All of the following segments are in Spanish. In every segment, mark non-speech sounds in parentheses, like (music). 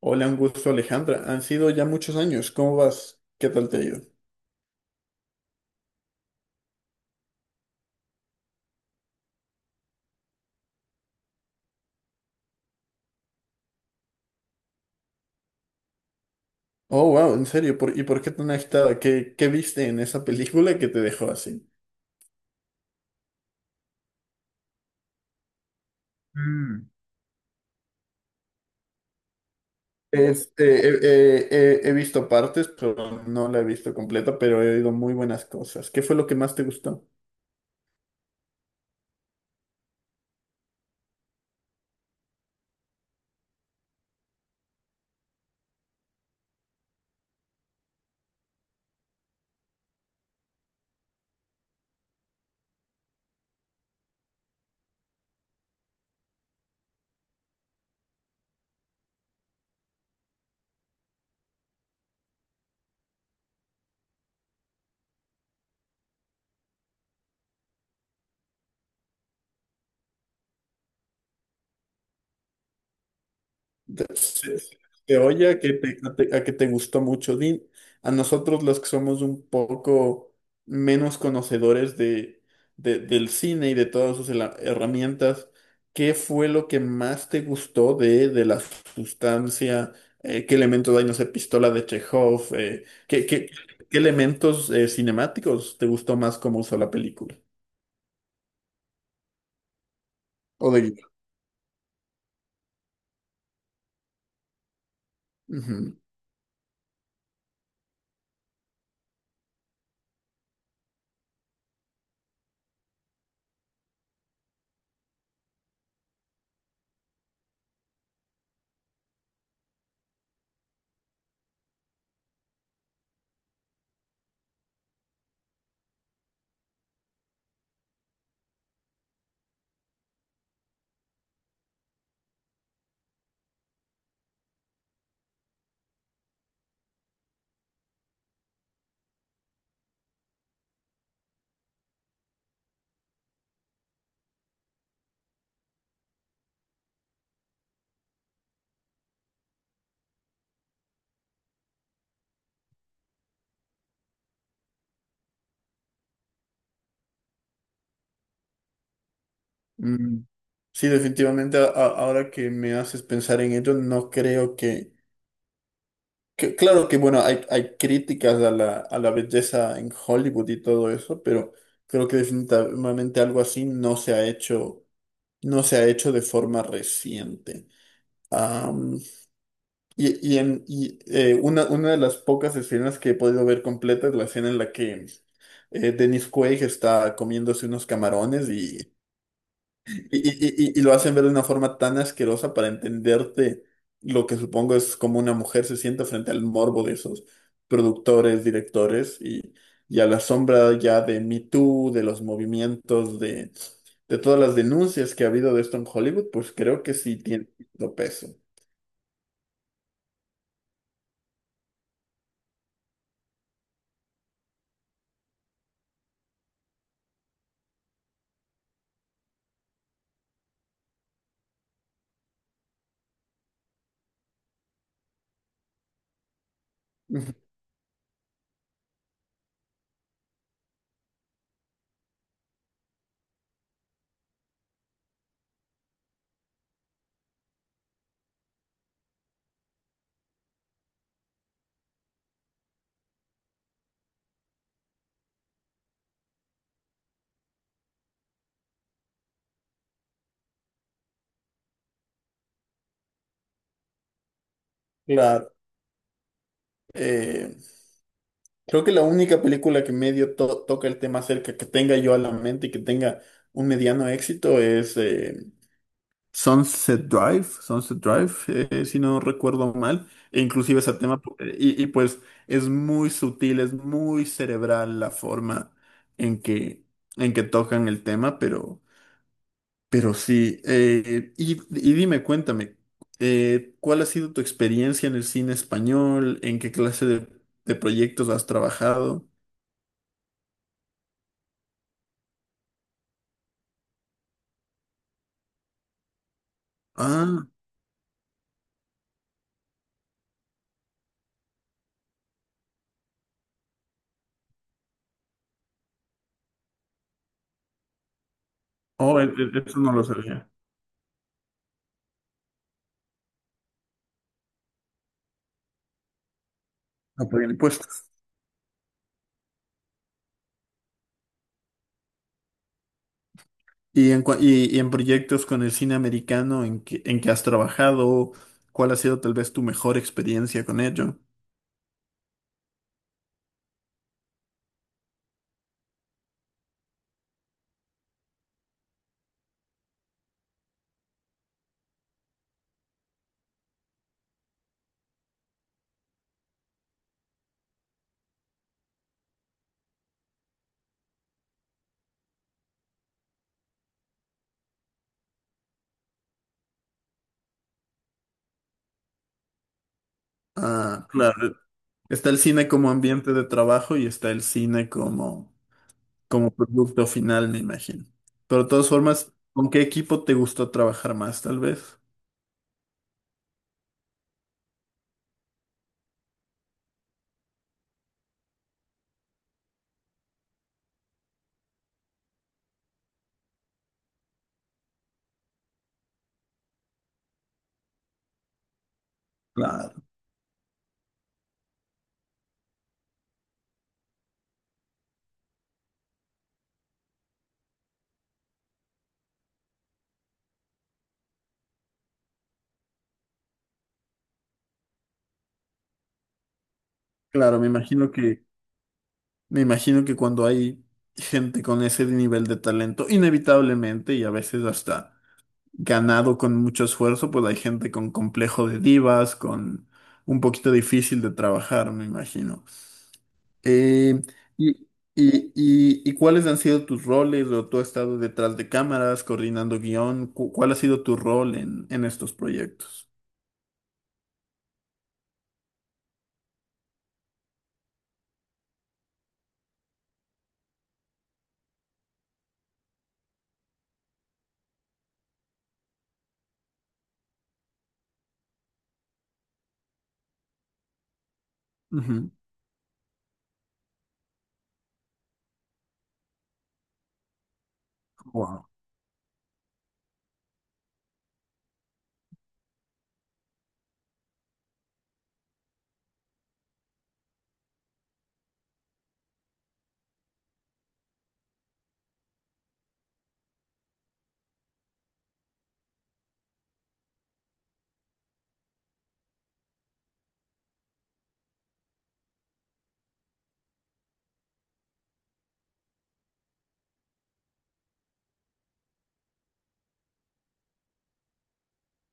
Hola, un gusto, Alejandra. Han sido ya muchos años. ¿Cómo vas? ¿Qué tal te ha ido? Oh, wow, ¿en serio? ¿Y por qué tan agitada? ¿Qué viste en esa película que te dejó así? Mm. He visto partes, pero no la he visto completa, pero he oído muy buenas cosas. ¿Qué fue lo que más te gustó? De- Se, se oye a que te, a te- a que te gustó mucho. A nosotros los que somos un poco menos conocedores del cine y de todas sus herramientas, ¿qué fue lo que más te gustó de la sustancia? ¿Qué elementos hay? No sé, pistola de Chekhov. ¿Qué elementos cinemáticos te gustó más cómo usó la película? O de guion. Ujú. Mm. Sí, definitivamente, ahora que me haces pensar en ello, no creo que- claro que, bueno, hay críticas a a la belleza en Hollywood y todo eso, pero creo que definitivamente algo así no se ha hecho, no se ha hecho de forma reciente. Am, una de las pocas escenas que he podido ver completa es la escena en la que Dennis Quaid está comiéndose unos camarones. Y lo hacen ver de una forma tan asquerosa para entenderte lo que supongo es como una mujer se siente frente al morbo de esos productores, directores, y a la sombra ya de Me Too, de los movimientos, de todas las denuncias que ha habido de esto en Hollywood, pues creo que sí tiene cierto peso. (laughs) Ujú. Claro. eh, Creo que la única película que medio toca el tema cerca, que tenga yo a la mente y que tenga un mediano éxito es Sunset Drive, Sunset Drive, si no recuerdo mal, e inclusive ese tema, y pues es muy sutil, es muy cerebral la forma en que, en que tocan el tema, pero sí, y dime, cuéntame, ¿cuál ha sido tu experiencia en el cine español? ¿En qué clase de proyectos has trabajado? Ah, oh, eso no lo sabía. No pagué el impuesto. Y en proyectos con el cine americano en que has trabajado, ¿cuál ha sido tal vez tu mejor experiencia con ello? Ah, claro. Está el cine como ambiente de trabajo y está el cine como, como producto final, me imagino. Pero de todas formas, ¿con qué equipo te gustó trabajar más, tal vez? Claro, claro, me imagino que cuando hay gente con ese nivel de talento, inevitablemente y a veces hasta ganado con mucho esfuerzo, pues hay gente con complejo de divas, con un poquito difícil de trabajar, me imagino. Eh, y, ¿Y cuáles han sido tus roles? ¿O tú has estado detrás de cámaras, coordinando guión? ¿Cuál ha sido tu rol en estos proyectos? Ujú. Wow.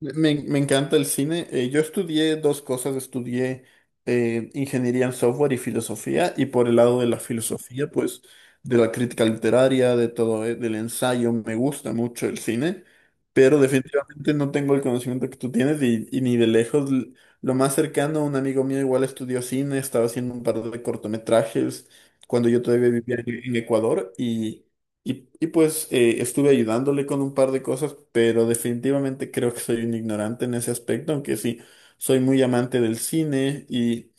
Me encanta el cine. Yo estudié dos cosas. Estudié ingeniería en software y filosofía. Y por el lado de la filosofía, pues, de la crítica literaria, de todo, del ensayo, me gusta mucho el cine. Pero definitivamente no tengo el conocimiento que tú tienes y ni de lejos. Lo más cercano, un amigo mío igual estudió cine, estaba haciendo un par de cortometrajes cuando yo todavía vivía en Ecuador. Y, Y pues estuve ayudándole con un par de cosas, pero definitivamente creo que soy un ignorante en ese aspecto, aunque sí, soy muy amante del cine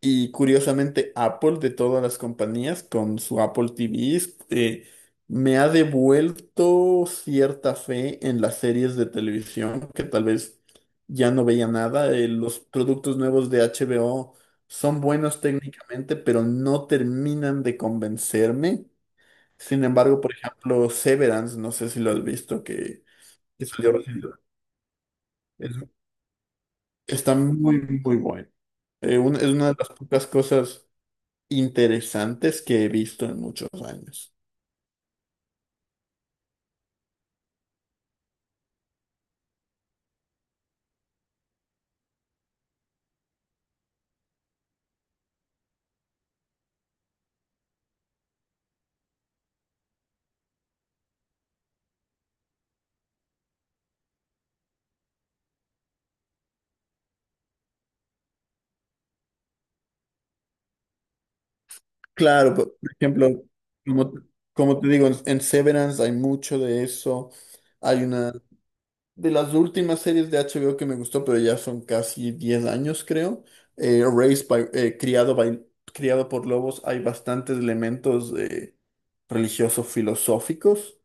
y curiosamente Apple de todas las compañías con su Apple TV eh, me ha devuelto cierta fe en las series de televisión que tal vez ya no veía nada. Los productos nuevos de HBO son buenos técnicamente, pero no terminan de convencerme. Sin embargo, por ejemplo, Severance, no sé si lo has visto, que salió recién. Es- Está muy, muy bueno. Es una de las pocas cosas interesantes que he visto en muchos años. Claro, por ejemplo, como, como te digo, en Severance hay mucho de eso. Hay una. De las últimas series de HBO que me gustó, pero ya son casi 10 años, creo. Raised by- criado, by- criado por lobos, hay bastantes elementos religiosos, filosóficos.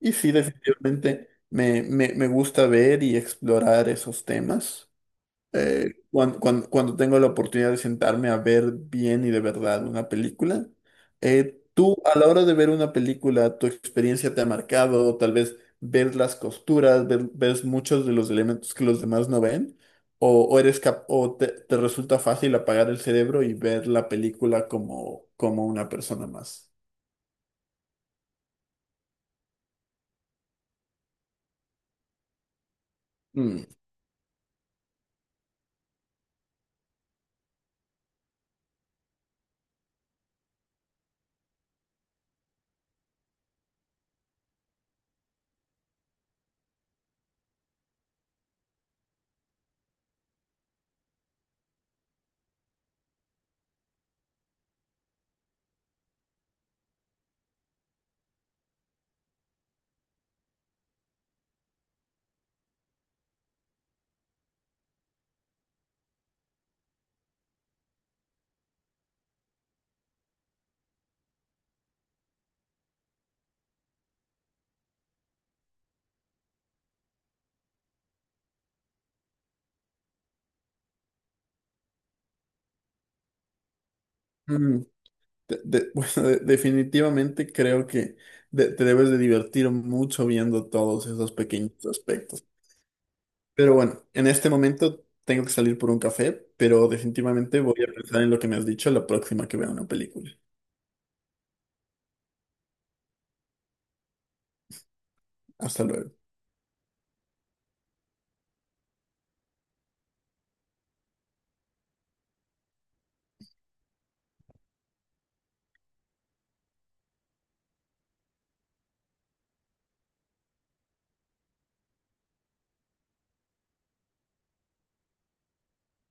Y sí, definitivamente me gusta ver y explorar esos temas. Cuando tengo la oportunidad de sentarme a ver bien y de verdad una película, tú a la hora de ver una película, tu experiencia te ha marcado, tal vez ver las costuras, ves muchos de los elementos que los demás no ven, o eres te resulta fácil apagar el cerebro y ver la película como, como una persona más. Mm. Mm, (laughs) bueno, definitivamente creo que te debes de divertir mucho viendo todos esos pequeños aspectos. Pero bueno, en este momento tengo que salir por un café, pero definitivamente voy a pensar en lo que me has dicho la próxima que vea una película. Hasta luego.